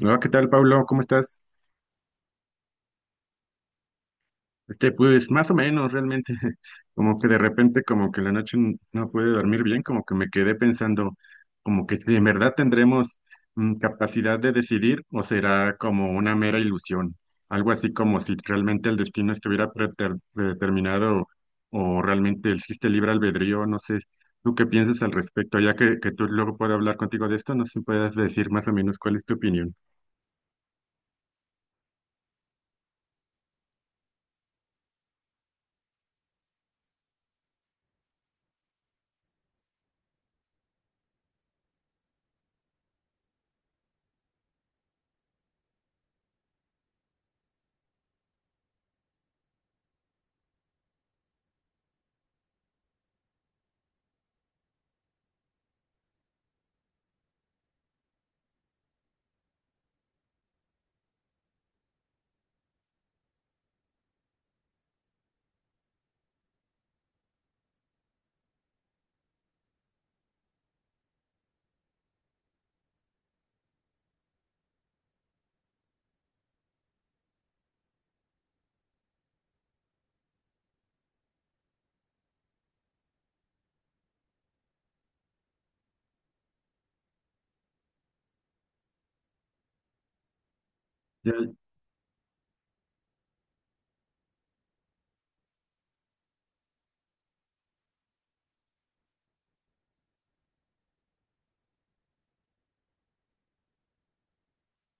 Hola, ¿qué tal, Pablo? ¿Cómo estás? Este, pues más o menos, realmente, como que de repente, como que no pude dormir bien, como que me quedé pensando, como que si en verdad tendremos capacidad de decidir o será como una mera ilusión, algo así como si realmente el destino estuviera predeterminado o realmente existe libre albedrío, no sé, ¿tú qué piensas al respecto? Ya que tú luego puedo hablar contigo de esto, no sé si puedas decir más o menos cuál es tu opinión. Ya.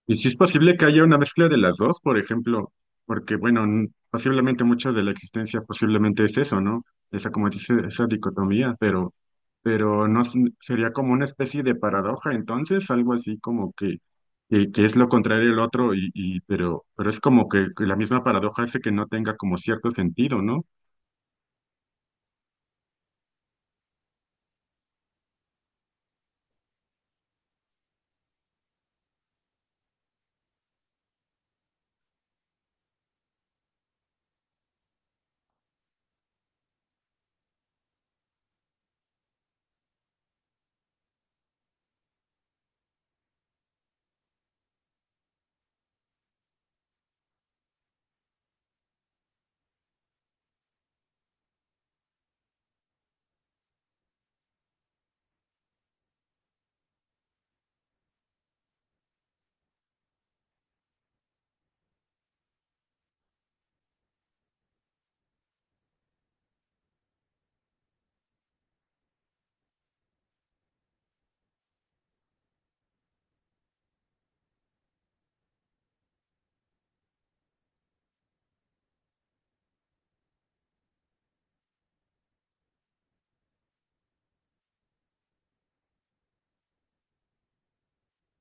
Y si es posible que haya una mezcla de las dos, por ejemplo, porque bueno, posiblemente mucho de la existencia posiblemente es eso, ¿no? Esa, como dice, esa dicotomía, pero no s- sería como una especie de paradoja, entonces, algo así como que es lo contrario al otro, pero es como que la misma paradoja hace que no tenga como cierto sentido, ¿no?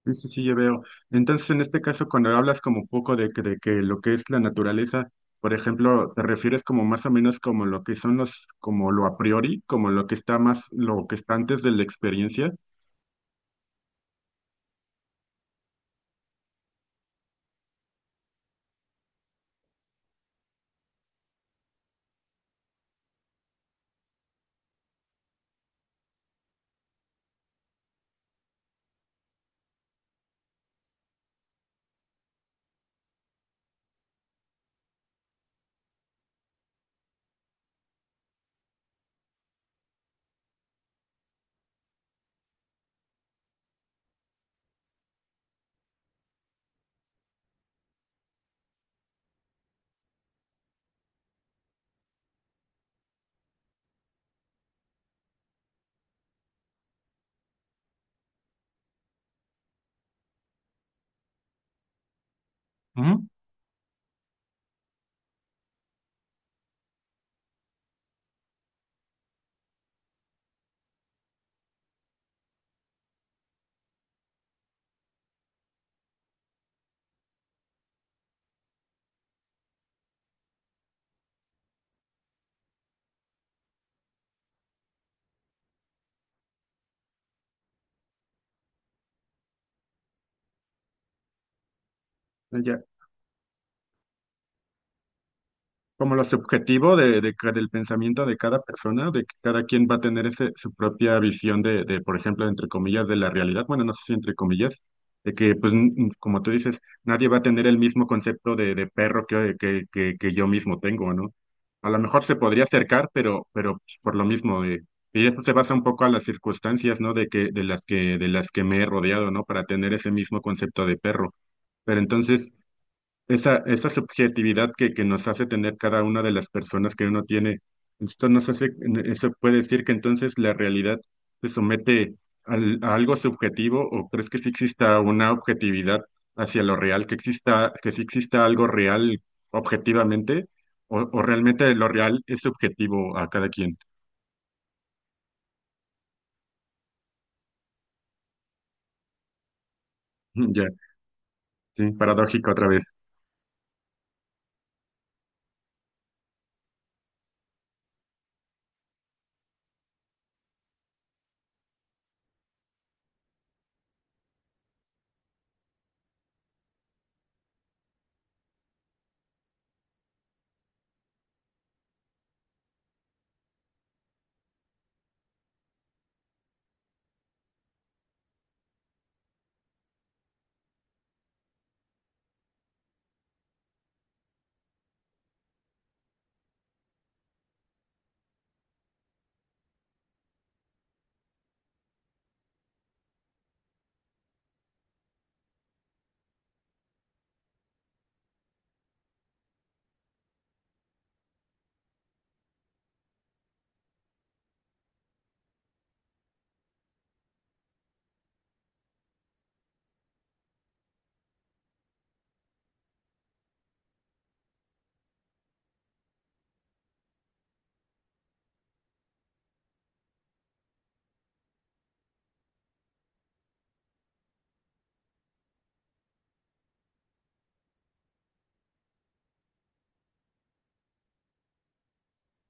Sí, sí, sí, ya veo. Entonces, en este caso, cuando hablas como un poco de, de que lo que es la naturaleza, por ejemplo, te refieres como más o menos como lo que son los, como lo a priori, como lo que está más, lo que está antes de la experiencia. Ujú. Ya. Como lo subjetivo de, del pensamiento de cada persona, de que cada quien va a tener ese, su propia visión de, por ejemplo, entre comillas, de la realidad. Bueno, no sé si entre comillas, de que, pues, como tú dices, nadie va a tener el mismo concepto de perro que yo mismo tengo, ¿no? A lo mejor se podría acercar, pero pues, por lo mismo, y eso se basa un poco a las circunstancias, ¿no? De que, de las que me he rodeado, ¿no? Para tener ese mismo concepto de perro. Pero entonces, esa subjetividad que nos hace tener cada una de las personas que uno tiene. Esto nos hace, eso puede decir que entonces la realidad se somete a algo subjetivo o crees que sí exista una objetividad hacia lo real, que exista, que sí exista algo real objetivamente o realmente lo real es subjetivo a cada quien. Ya, sí, paradójico otra vez.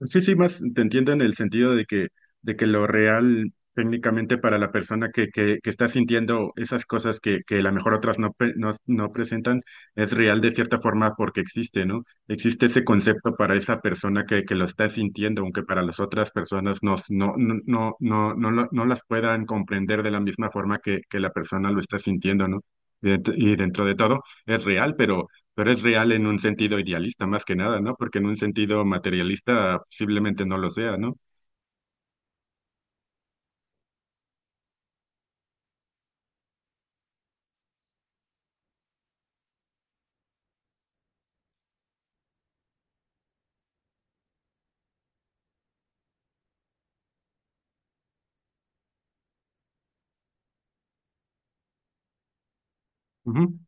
Sí, sí, más te entiendo en el sentido de que lo real técnicamente para la persona que está sintiendo esas cosas que a lo mejor otras no, no presentan, es real de cierta forma porque existe, ¿no? Existe ese concepto para esa persona que lo está sintiendo, aunque para las otras personas no, no las puedan comprender de la misma forma que la persona lo está sintiendo, ¿no? Y dentro de todo es real, pero... Pero es real en un sentido idealista, más que nada, ¿no? Porque en un sentido materialista posiblemente no lo sea, ¿no? Ujú.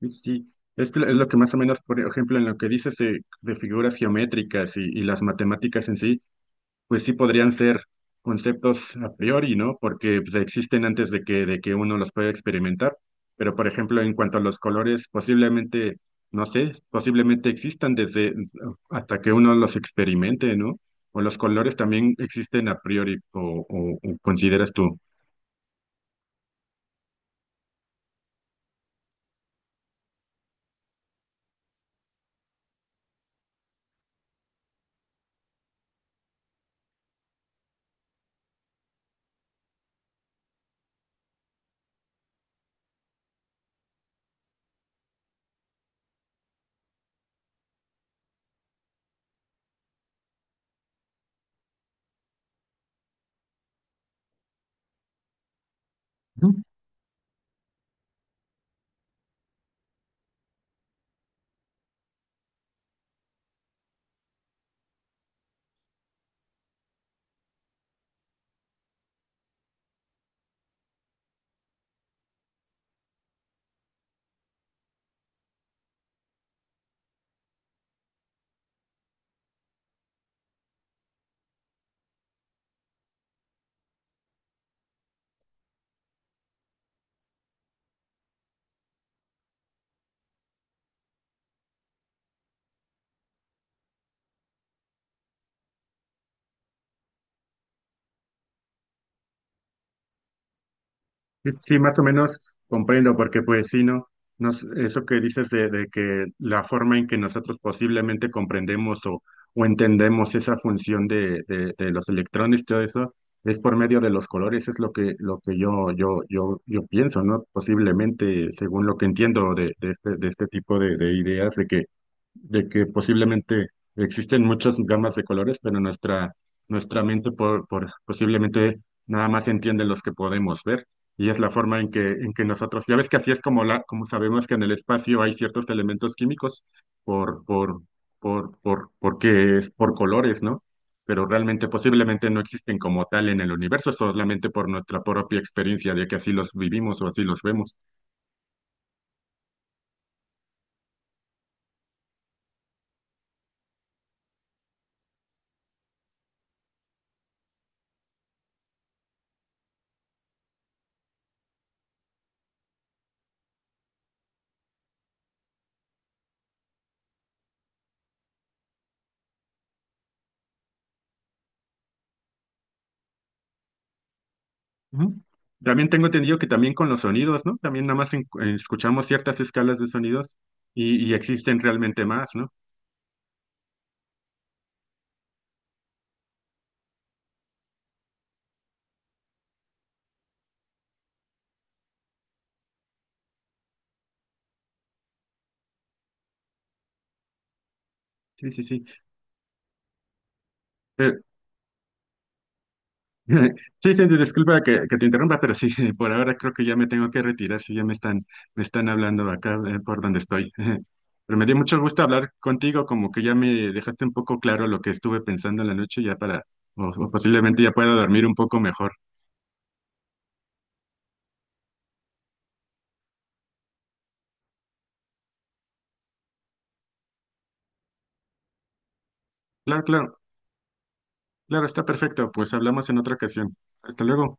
Sí, sí. Es, que es lo que más o menos, por ejemplo, en lo que dices de figuras geométricas y las matemáticas en sí, pues sí podrían ser conceptos a priori, ¿no? Porque pues, existen antes de que uno los pueda experimentar. Pero, por ejemplo, en cuanto a los colores, posiblemente, no sé, posiblemente existan desde hasta que uno los experimente, ¿no? O los colores también existen a priori, o, o consideras tú. Sí, sí, más o menos comprendo, porque pues sí, ¿no? Nos, eso que dices de que la forma en que nosotros posiblemente comprendemos o entendemos esa función de los electrones, y todo eso, es por medio de los colores, es lo que yo de que posiblemente existen muchas gamas de colores, pero nuestra, nuestra mente por, posiblemente nada más entiende los que podemos ver. Y es la forma en que nosotros, ya ves que así es como, la, como sabemos que en el espacio hay ciertos elementos químicos por, por, porque es por colores, ¿no? Pero realmente posiblemente no existen como tal en el universo, solamente por nuestra propia experiencia de que así los vivimos o así los vemos. Ujú. También tengo entendido que también con los sonidos, ¿no? También nada más escuchamos ciertas escalas de sonidos y existen realmente más, ¿no? Sí, sí, sí. Pero, sí, sí, disculpa que te interrumpa, pero sí, por ahora creo que ya me tengo que retirar, si ya me están hablando acá por donde estoy. Pero me dio mucho gusto hablar contigo, como que ya me dejaste un poco claro lo que estuve pensando en la noche, ya para, o posiblemente ya pueda dormir un poco mejor. Claro, claro, claro, está perfecto, pues hablamos en otra ocasión. Hasta luego.